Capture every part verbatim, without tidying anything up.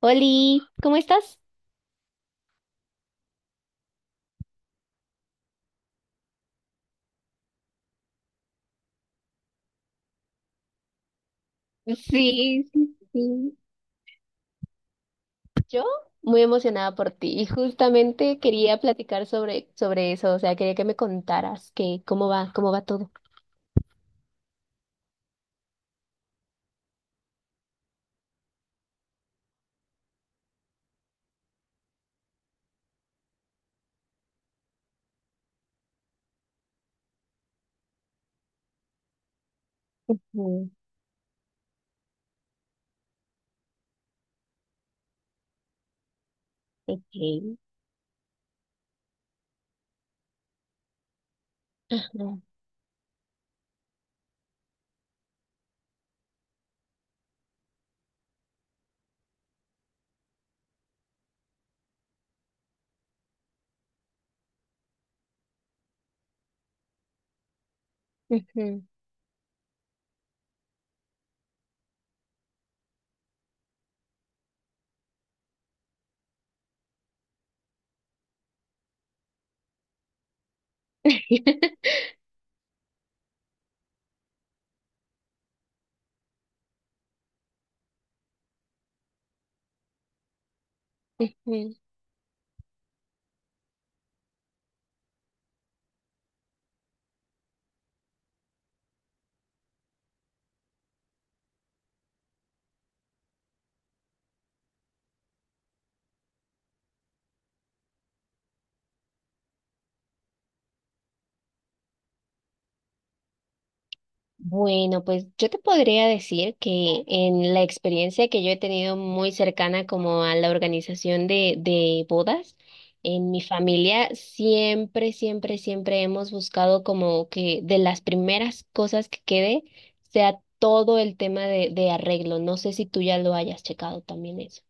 Oli, ¿cómo estás? Sí, sí, sí. Yo muy emocionada por ti y justamente quería platicar sobre, sobre eso, o sea, quería que me contaras que cómo va, cómo va todo. Mm, ok. Ujú, ujú. Bueno, pues yo te podría decir que en la experiencia que yo he tenido muy cercana como a la organización de, de bodas, en mi familia siempre, siempre, siempre hemos buscado como que de las primeras cosas que quede sea todo el tema de, de arreglo. No sé si tú ya lo hayas checado también eso.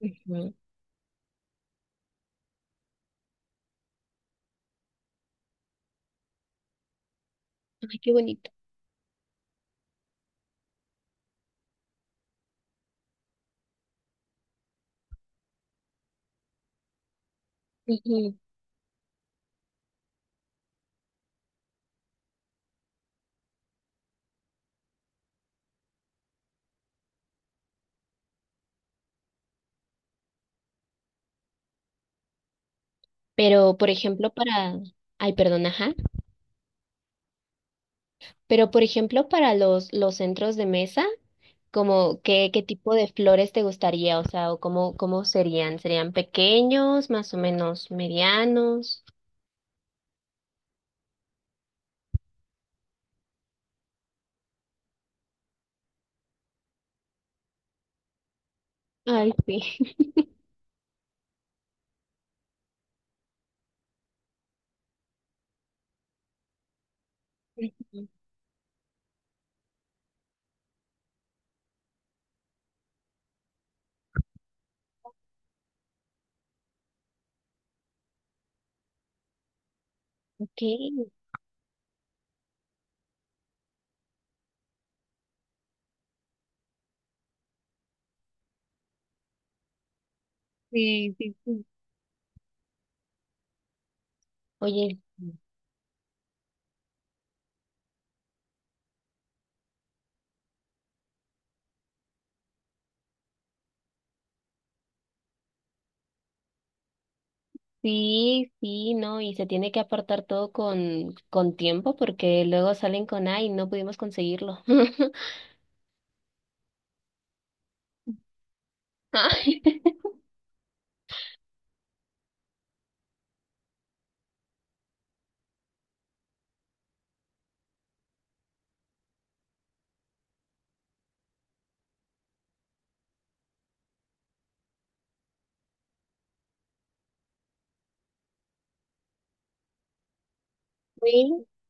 Ujú. Ay, qué bonito. Ujú. Pero, por ejemplo, para... Ay, perdón, ajá. Pero, por ejemplo, para los, los centros de mesa, como qué, qué tipo de flores te gustaría, o sea, o cómo, cómo serían, ¿serían pequeños, más o menos medianos? Ay, sí. Ujú. Ok. Sí, sí, sí. Oye, sí, sí, no, y se tiene que apartar todo con, con tiempo porque luego salen con, ay, no pudimos conseguirlo. Ay,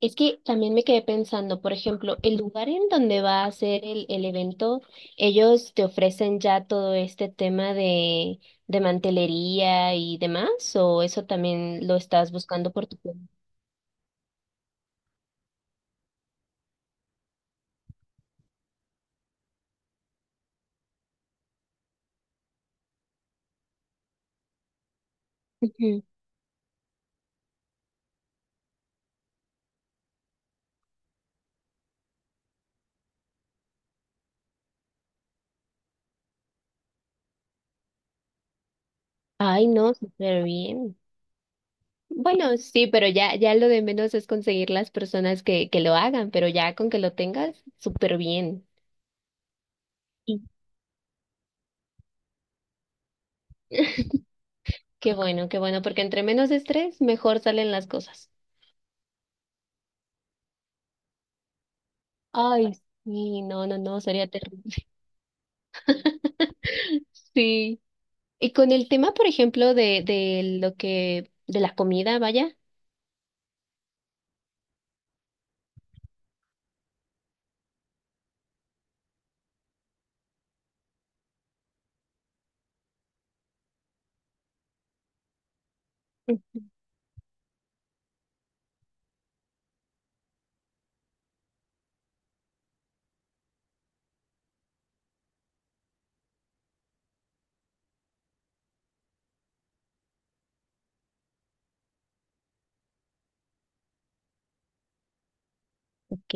es que también me quedé pensando, por ejemplo, el lugar en donde va a ser el, el evento, ellos te ofrecen ya todo este tema de, de mantelería y demás, o eso también lo estás buscando por tu cuenta. Ujú. Ay, no, súper bien. Bueno, sí, pero ya, ya lo de menos es conseguir las personas que, que lo hagan, pero ya con que lo tengas, súper bien. Sí. Qué bueno, qué bueno, porque entre menos estrés, mejor salen las cosas. Ay, sí, no, no, no, sería terrible. Sí. Y con el tema, por ejemplo, de, de lo que, de la comida, vaya. Ok.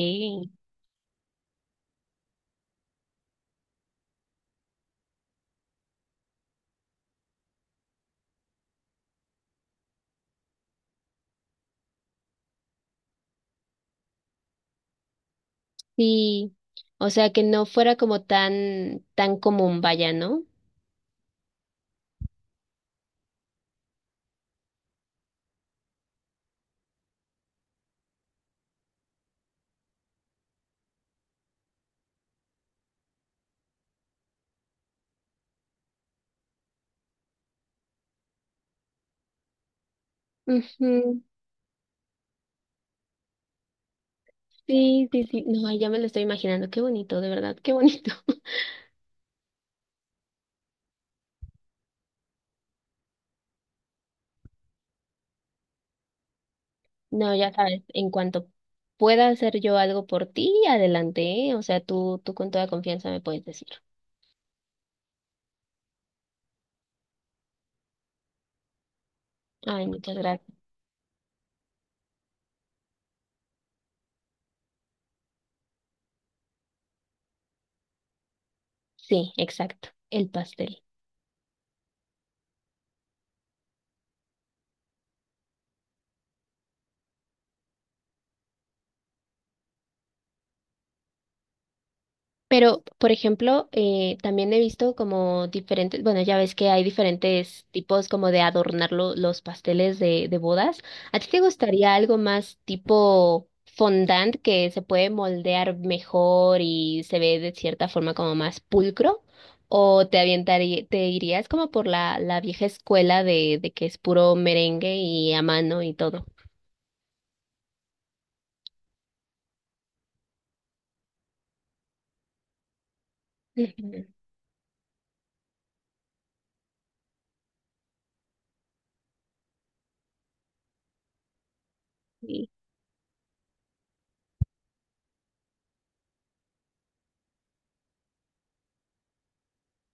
Sí. O sea, que no fuera como tan, tan común, vaya, ¿no? Ujú. Sí, sí, sí. No, ay, ya me lo estoy imaginando. Qué bonito, de verdad, qué bonito. No, ya sabes, en cuanto pueda hacer yo algo por ti, adelante, ¿eh? O sea, tú, tú con toda confianza me puedes decir. Ay, muchas gracias. Sí, exacto. El pastel. Pero, por ejemplo, eh, también he visto como diferentes, bueno, ya ves que hay diferentes tipos como de adornar lo- los pasteles de, de bodas. ¿A ti te gustaría algo más tipo fondant que se puede moldear mejor y se ve de cierta forma como más pulcro? ¿O te avientaría, te irías como por la, la vieja escuela de, de que es puro merengue y a mano y todo? Ujú. Sí.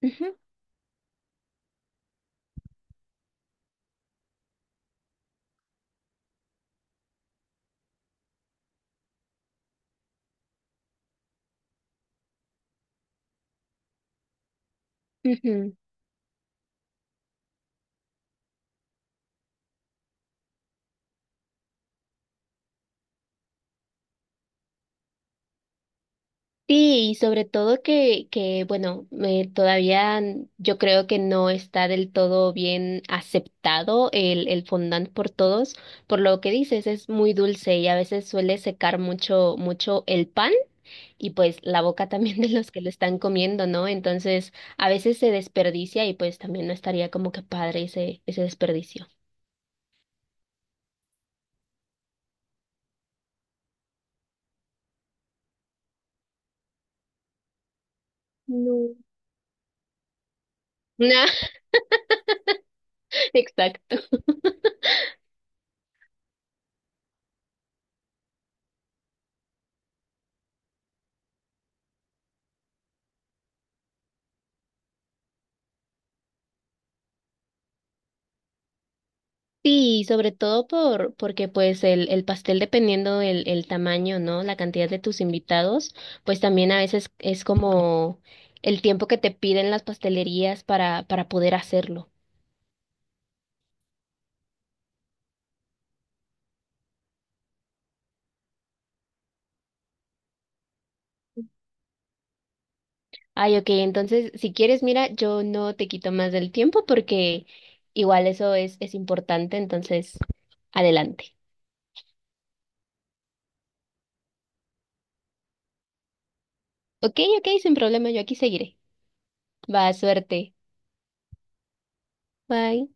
Ujú, ujú. Sí, y sobre todo que, que bueno, eh, todavía n- yo creo que no está del todo bien aceptado el, el fondant por todos, por lo que dices, es muy dulce y a veces suele secar mucho, mucho el pan y pues la boca también de los que lo están comiendo, ¿no? Entonces, a veces se desperdicia y pues también no estaría como que padre ese, ese desperdicio. No. Nah, exacto. Sí, sobre todo por, porque pues el, el pastel dependiendo el, el tamaño, ¿no? La cantidad de tus invitados, pues también a veces es como el tiempo que te piden las pastelerías para, para poder hacerlo. Ay, ok, entonces si quieres, mira, yo no te quito más del tiempo porque igual eso es, es importante, entonces adelante. Ok, ok, sin problema, yo aquí seguiré. Va, suerte. Bye.